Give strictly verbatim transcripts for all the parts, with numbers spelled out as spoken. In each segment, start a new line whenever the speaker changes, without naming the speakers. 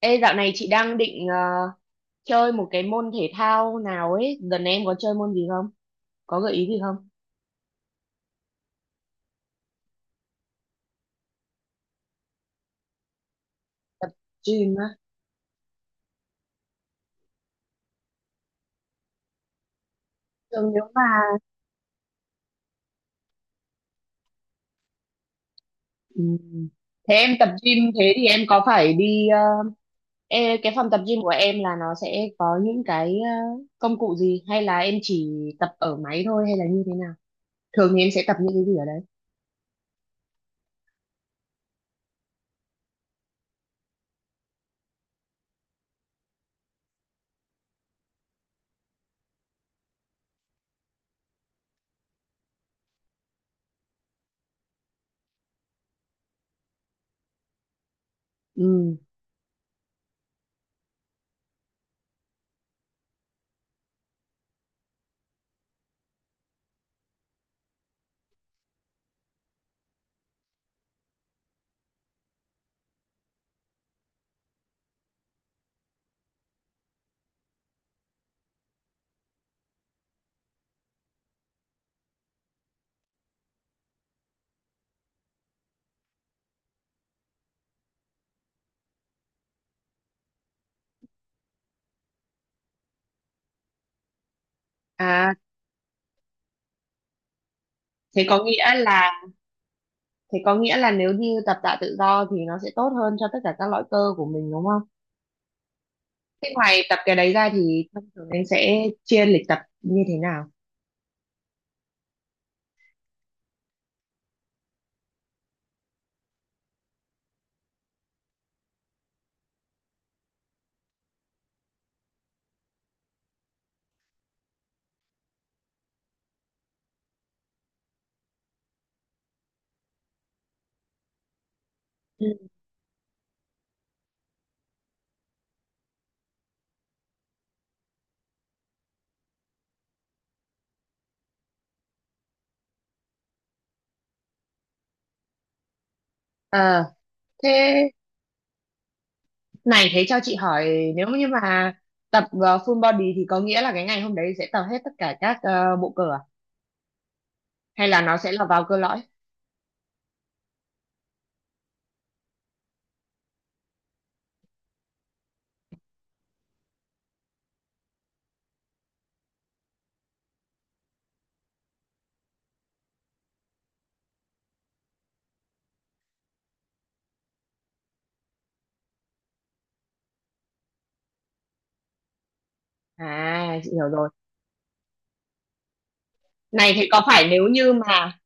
Ê, dạo này chị đang định ờ, chơi một cái môn thể thao nào ấy. Dần này em có chơi môn gì không? Có gợi ý gì không? Gym á. Thường nếu mà ừ. Thế em tập gym thế thì em có phải đi ờ, ê, cái phòng tập gym của em là nó sẽ có những cái ờ, công cụ gì hay là em chỉ tập ở máy thôi hay là như thế nào? Thường thì em sẽ tập những cái gì ở đấy? Ừ. À, thế có nghĩa là thế có nghĩa là nếu như tập tạ tự do thì nó sẽ tốt hơn cho tất cả các loại cơ của mình đúng không? Thế ngoài tập cái đấy ra thì thông thường anh sẽ chia lịch tập như thế nào? Ừ. Ờ, thế này, thế cho chị hỏi, nếu như mà tập ờ, full body thì có nghĩa là cái ngày hôm đấy sẽ tập hết tất cả các ờ, bộ cơ à? Hay là nó sẽ là vào cơ lõi? À, chị hiểu rồi. Này thì có phải nếu như mà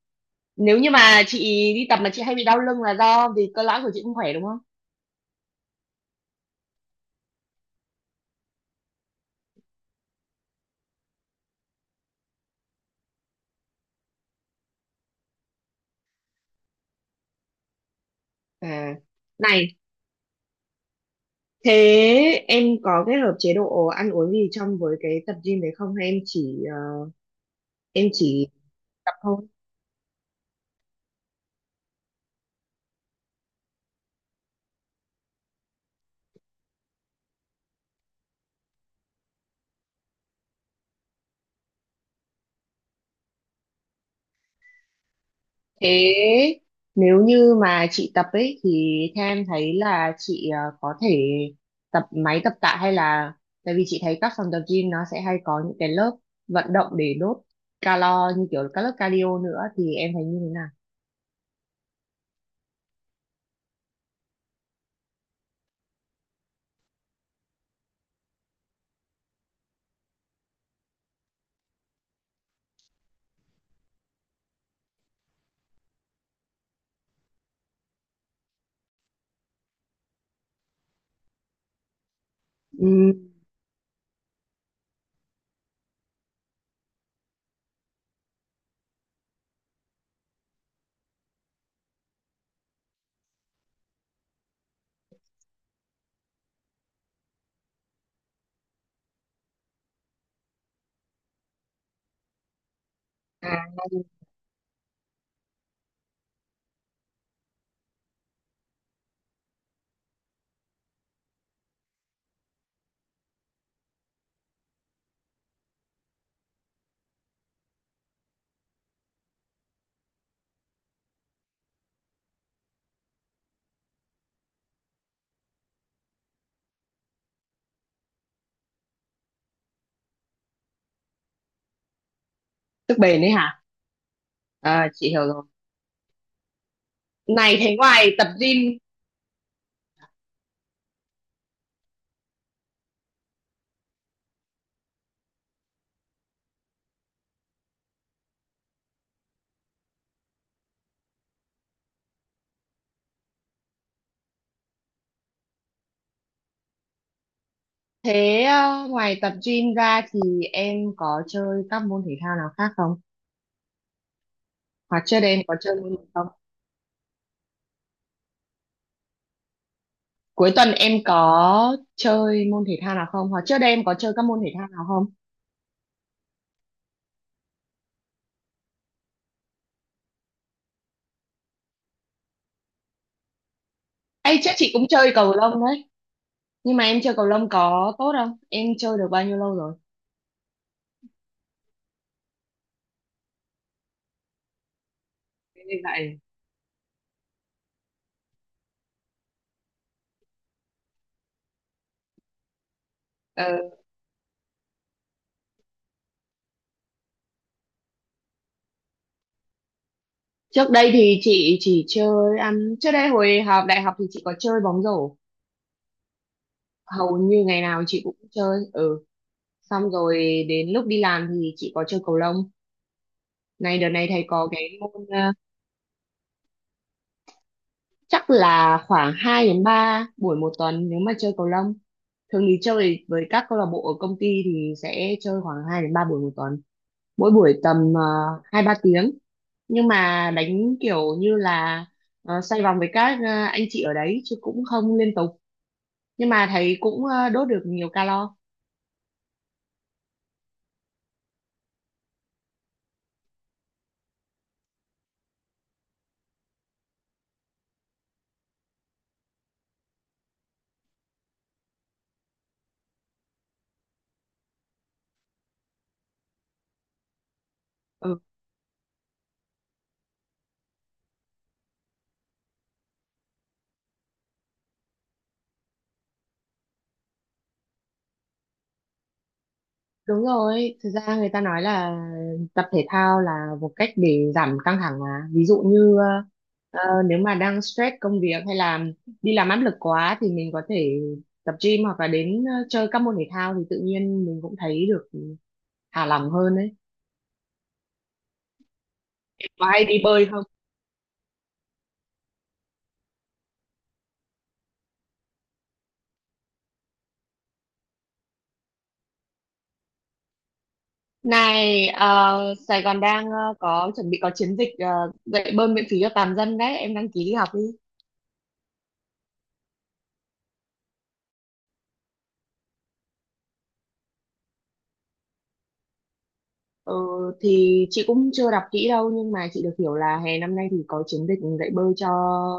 nếu như mà chị đi tập mà chị hay bị đau lưng là do vì cơ lõi của chị không khỏe đúng không? À, này thế em có kết hợp chế độ ăn uống gì trong với cái tập gym đấy không, hay em chỉ ờ, em chỉ tập thôi? Thế nếu như mà chị tập ấy thì theo em thấy là chị ờ, có thể tập máy tập tạ hay là, tại vì chị thấy các phòng tập gym nó sẽ hay có những cái lớp vận động để đốt calo như kiểu các lớp cardio nữa, thì em thấy như thế nào? Ừm, à, sức bền đấy hả? À, chị hiểu rồi. Này thế ngoài tập gym, thế ờ, ngoài tập gym ra thì em có chơi các môn thể thao nào khác không, hoặc trước đây em có chơi môn gì? Cuối tuần em có chơi môn thể thao nào không? Hoặc trước đây em có chơi các môn thể thao nào không? Ê, chắc chị cũng chơi cầu lông đấy. Nhưng mà em chơi cầu lông có tốt không? Em chơi được bao nhiêu lâu rồi? Thế. Như vậy. Ờ, trước đây thì chị chỉ chơi ăn, trước đây hồi học đại học thì chị có chơi bóng rổ, hầu như ngày nào chị cũng chơi, ừ, xong rồi đến lúc đi làm thì chị có chơi cầu lông. Này đợt này thầy có cái môn ờ, chắc là khoảng hai đến ba buổi một tuần nếu mà chơi cầu lông. Thường thì chơi với các câu lạc bộ ở công ty thì sẽ chơi khoảng hai đến ba buổi một tuần, mỗi buổi tầm uh, hai ba tiếng, nhưng mà đánh kiểu như là ờ, xoay vòng với các ờ, anh chị ở đấy chứ cũng không liên tục, nhưng mà thấy cũng ờ, đốt được nhiều calo. Ừ, đúng rồi, thực ra người ta nói là tập thể thao là một cách để giảm căng thẳng mà. Ví dụ như ờ, ờ, nếu mà đang stress công việc hay là đi làm áp lực quá thì mình có thể tập gym hoặc là đến ờ, chơi các môn thể thao thì tự nhiên mình cũng thấy được thả lỏng hơn đấy. Có hay đi bơi không? Này, ờ, Sài Gòn đang ờ, có chuẩn bị có chiến dịch ờ, dạy bơi miễn phí cho toàn dân đấy, em đăng ký đi học đi. Ờ, thì chị cũng chưa đọc kỹ đâu nhưng mà chị được hiểu là hè năm nay thì có chiến dịch dạy bơi cho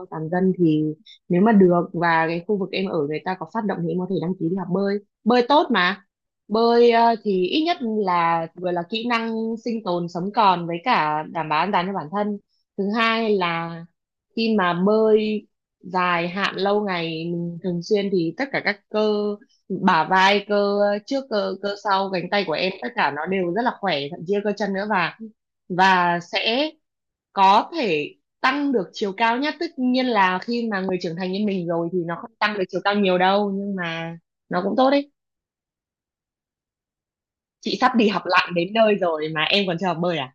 toàn dân, thì nếu mà được và cái khu vực em ở người ta có phát động thì em có thể đăng ký đi học bơi. Bơi tốt mà, bơi ờ, thì ít nhất là vừa là kỹ năng sinh tồn, sống còn với cả đảm bảo an toàn cho bản thân. Thứ hai là khi mà bơi dài hạn lâu ngày mình thường xuyên thì tất cả các cơ bả vai, cơ trước, cơ cơ sau cánh tay của em tất cả nó đều rất là khỏe, thậm chí là cơ chân nữa, và và sẽ có thể tăng được chiều cao. Nhất tất nhiên là khi mà người trưởng thành như mình rồi thì nó không tăng được chiều cao nhiều đâu, nhưng mà nó cũng tốt đấy. Chị sắp đi học lặn đến nơi rồi mà em còn chưa học bơi à?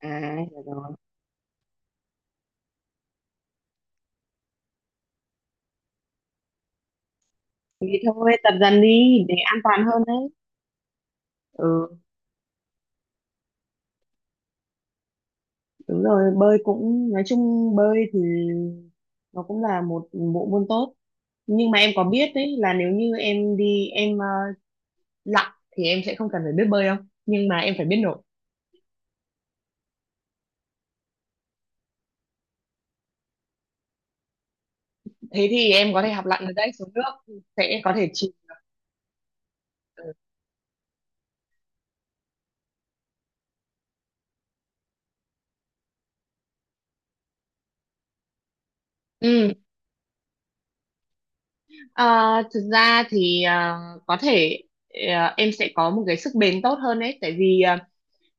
À, hiểu rồi, thì thôi tập dần đi để an toàn hơn đấy. Ừ. Đúng rồi, bơi cũng, nói chung bơi thì nó cũng là một bộ môn tốt. Nhưng mà em có biết đấy là nếu như em đi em ờ, lặn thì em sẽ không cần phải biết bơi đâu, nhưng mà em phải biết nổi. Thế thì em có thể học lặn ở đấy, xuống nước sẽ có thể chịu. Ừ. Ờ, thực ra thì ờ, có thể ờ, em sẽ có một cái sức bền tốt hơn đấy, tại vì ờ,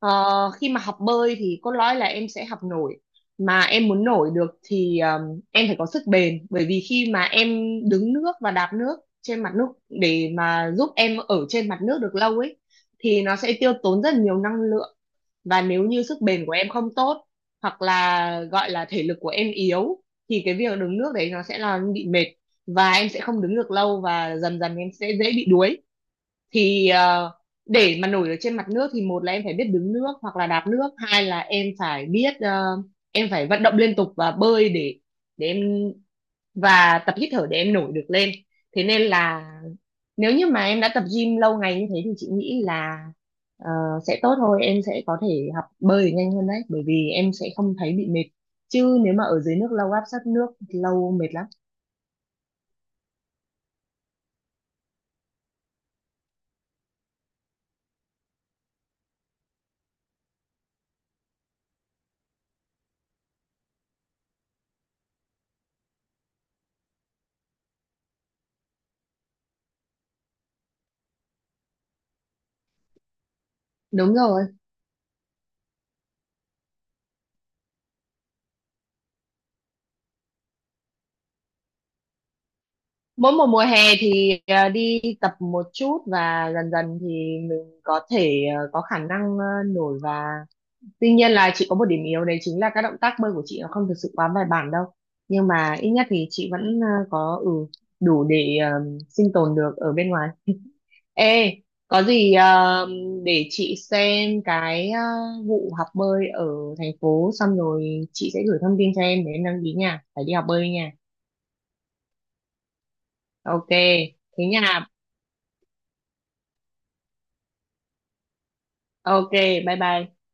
Ờ, khi mà học bơi thì cốt lõi là em sẽ học nổi, mà em muốn nổi được thì um, em phải có sức bền, bởi vì khi mà em đứng nước và đạp nước trên mặt nước để mà giúp em ở trên mặt nước được lâu ấy thì nó sẽ tiêu tốn rất nhiều năng lượng. Và nếu như sức bền của em không tốt hoặc là gọi là thể lực của em yếu thì cái việc đứng nước đấy nó sẽ là bị mệt, và em sẽ không đứng được lâu và dần dần em sẽ dễ bị đuối. Thì ờ, để mà nổi ở trên mặt nước thì một là em phải biết đứng nước hoặc là đạp nước, hai là em phải biết, ờ, em phải vận động liên tục và bơi để để em, và tập hít thở để em nổi được lên. Thế nên là nếu như mà em đã tập gym lâu ngày như thế thì chị nghĩ là ờ, sẽ tốt thôi, em sẽ có thể học bơi nhanh hơn đấy bởi vì em sẽ không thấy bị mệt, chứ nếu mà ở dưới nước lâu, áp sát nước lâu mệt lắm. Đúng rồi, mỗi một mùa hè thì à, đi tập một chút và dần dần thì mình có thể, à, có khả năng à, nổi, và tuy nhiên là chị có một điểm yếu đấy chính là các động tác bơi của chị nó không thực sự quá bài bản đâu, nhưng mà ít nhất thì chị vẫn, à, có, ừ, đủ để à, sinh tồn được ở bên ngoài. Ê, có gì à, để chị xem cái à, vụ học bơi ở thành phố xong rồi chị sẽ gửi thông tin cho em để em đăng ký nha, phải đi học bơi nha. Ok. Thế nha. Ok, bye bye.